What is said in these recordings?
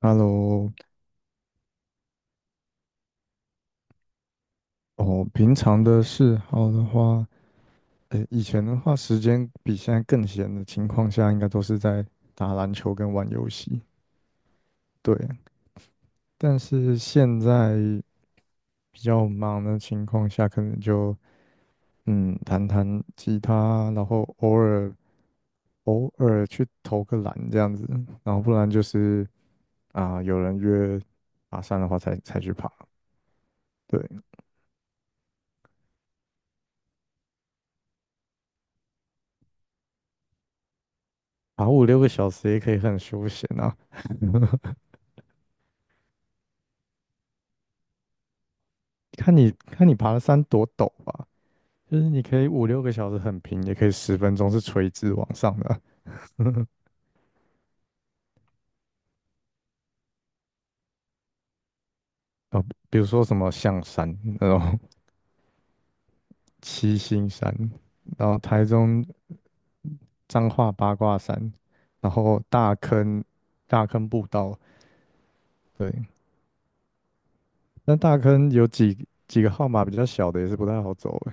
Hello，哦，平常的嗜好的话，诶，以前的话，时间比现在更闲的情况下，应该都是在打篮球跟玩游戏。对，但是现在比较忙的情况下，可能就弹弹吉他，然后偶尔去投个篮这样子，然后不然就是啊、有人约爬山的话才去爬。对，爬五六个小时也可以很休闲啊。看你爬的山多陡吧，就是你可以五六个小时很平，也可以10分钟是垂直往上的啊。呃，比如说什么象山那种 七星山，然后台中彰化八卦山，然后大坑步道，对，那大坑有几个号码比较小的也是不太好走诶，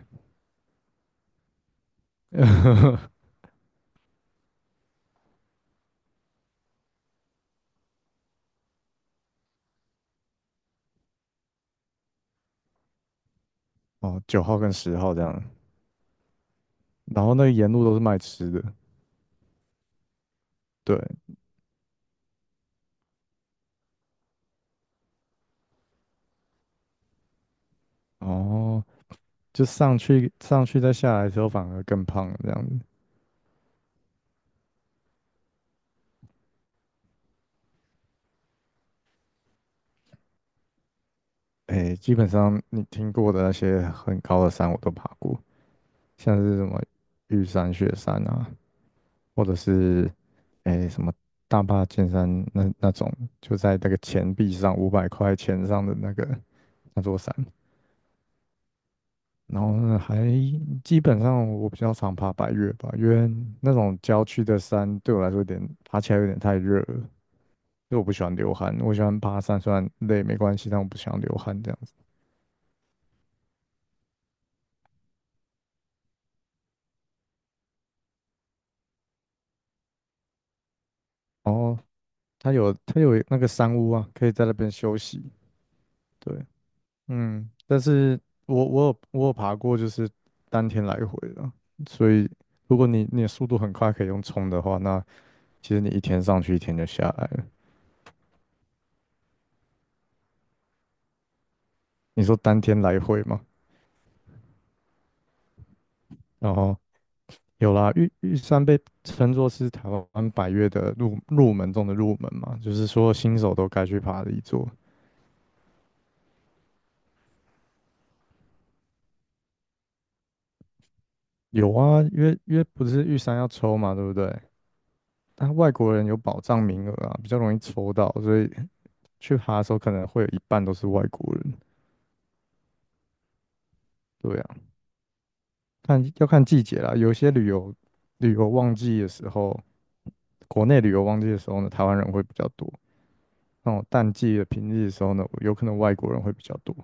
哦，9号跟10号这样，然后那个沿路都是卖吃的，对，哦，就上去再下来的时候反而更胖了这样哎，基本上你听过的那些很高的山我都爬过，像是什么玉山、雪山啊，或者是哎什么大霸尖山那种，就在那个钱币上500块钱上的那个那座山。然后呢，基本上我比较常爬百岳吧，因为那种郊区的山对我来说爬起来有点太热了，因为我不喜欢流汗，我喜欢爬山虽然累没关系，但我不喜欢流汗这样子。哦，它有那个山屋啊，可以在那边休息。对，嗯，但是我有爬过，就是当天来回的，所以如果你的速度很快，可以用冲的话，那其实你一天上去，一天就下来了。你说当天来回嘛，然后有啦，玉山被称作是台湾百岳的入门中的入门嘛，就是说新手都该去爬的一座。有啊，因为不是玉山要抽嘛，对不对？但外国人有保障名额啊，比较容易抽到，所以去爬的时候，可能会有一半都是外国人。对啊，看要看季节啦，有些旅游旺季的时候，国内旅游旺季的时候呢，台湾人会比较多。那种淡季的平日的时候呢，有可能外国人会比较多。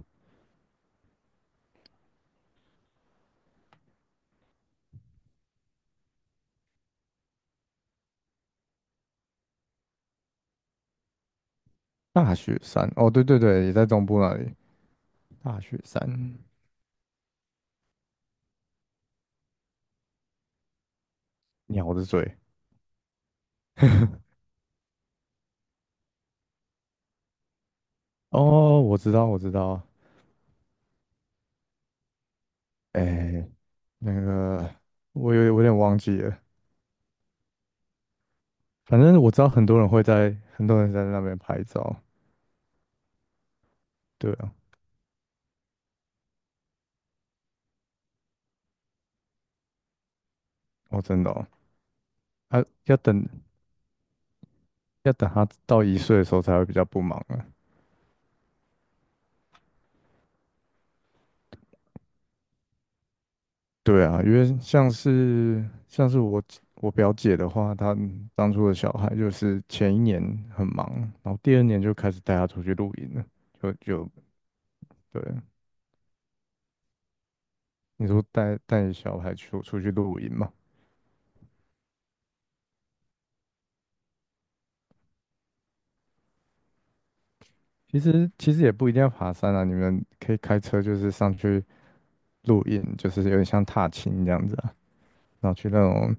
大雪山，哦，对对对，也在中部那里。大雪山，鸟的嘴。哦，我知道，我知道。哎，那个，我有点忘记了。反正我知道很多人会在，很多人在那边拍照。对啊，哦，真的哦，啊，要等他到1岁的时候才会比较不忙啊。对啊，因为像是我表姐的话，她当初的小孩就是前一年很忙，然后第二年就开始带他出去露营了，就对。你说带小孩出去露营嘛？其实也不一定要爬山啊，你们可以开车就是上去露营，就是有点像踏青这样子啊，然后去那种，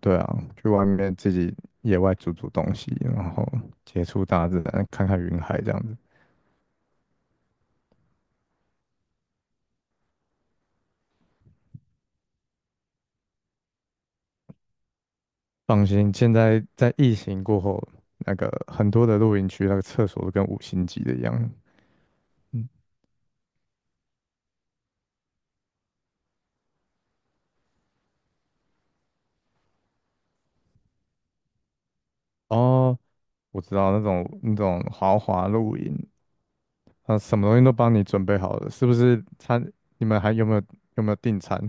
对啊，去外面自己野外煮煮东西，然后接触大自然，看看云海这样子。放心，现在在疫情过后，那个很多的露营区那个厕所都跟五星级的一样。嗯，哦，我知道那种豪华露营，啊，什么东西都帮你准备好了，是不是餐？你们还有没有订餐？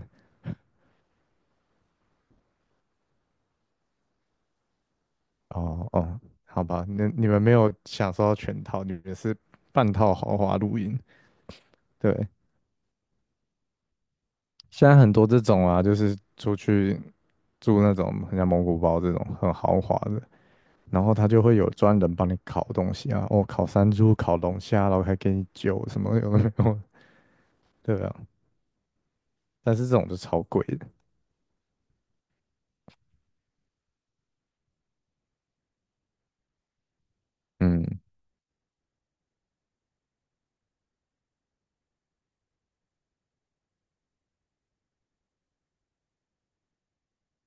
哦哦，好吧，那你们没有享受到全套，你们是半套豪华露营。对，现在很多这种啊，就是出去住那种很像蒙古包这种很豪华的，然后他就会有专人帮你烤东西啊，哦，烤山猪、烤龙虾，然后还给你酒什么有的没有，对啊，但是这种就超贵的，嗯，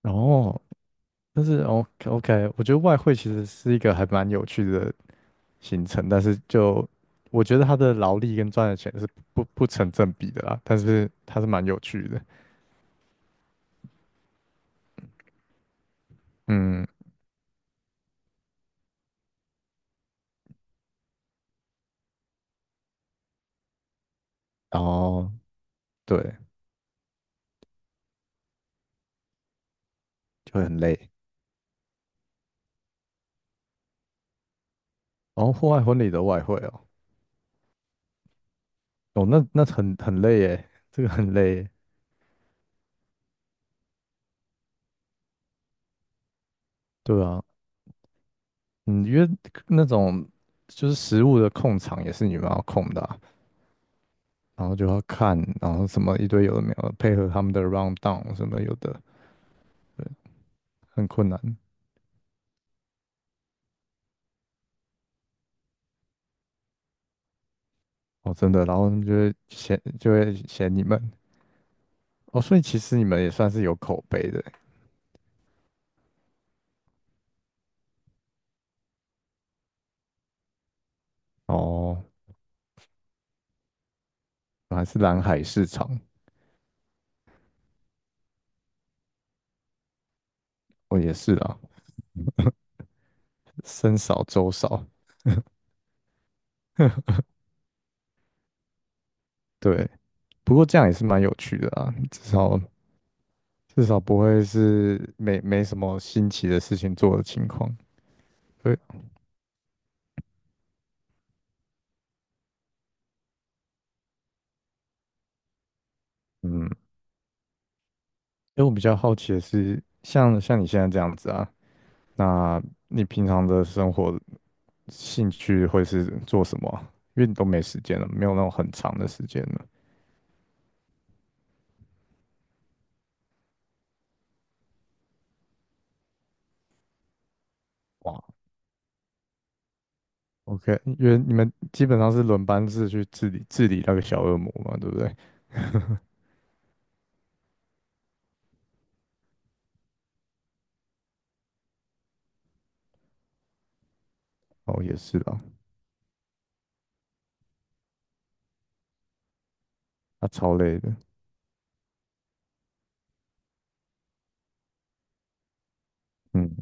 然后但是 OK OK，我觉得外汇其实是一个还蛮有趣的行程，但是就我觉得他的劳力跟赚的钱是不成正比的啦，但是它是蛮有趣的，嗯，然后对，就会很累。然后户外婚礼的外汇哦，哦，那很累耶，这个很累耶。对啊，嗯，因为那种就是食物的控场也是你们要控的啊然后就要看，然后什么一堆有的没有的，配合他们的 round down 什么有的，对，很困难哦，真的。然后他们就会嫌你们哦，所以其实你们也算是有口碑的哦，还是蓝海市场，哦，也是啊，僧少粥少。对，不过这样也是蛮有趣的啊，至少不会是没什么新奇的事情做的情况。对，嗯，因为我比较好奇的是，像你现在这样子啊，那你平常的生活兴趣会是做什么啊？因为你都没时间了，没有那种很长的时间了。哇，OK，因为你们基本上是轮班制去治理治理那个小恶魔嘛，对不对？哦，也是啦，他超累的。嗯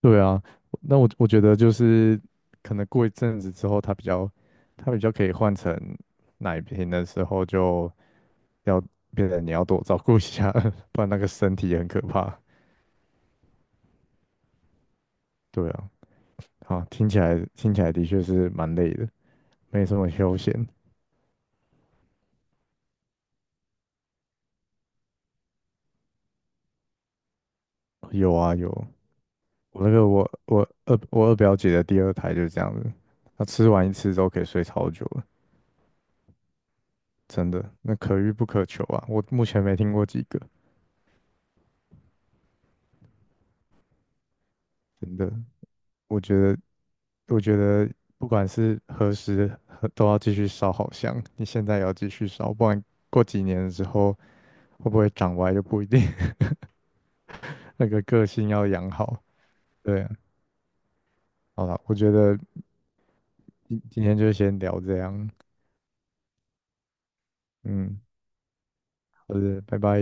对啊，那我觉得就是可能过一阵子之后，它比较可以换成奶瓶的时候，就要变得你要多照顾一下，不然那个身体也很可怕。对啊，好，听起来的确是蛮累的，没什么休闲。有啊有，我那个我我二我二表姐的第二胎就是这样子，她吃完一次之后可以睡超久了，真的，那可遇不可求啊。我目前没听过几个，真的，我觉得。我觉得不管是何时和都要继续烧好香，你现在也要继续烧，不然过几年之后会不会长歪就不一定。那个个性要养好。对啊，好了，我觉得今天就先聊这样，嗯，好的，拜拜。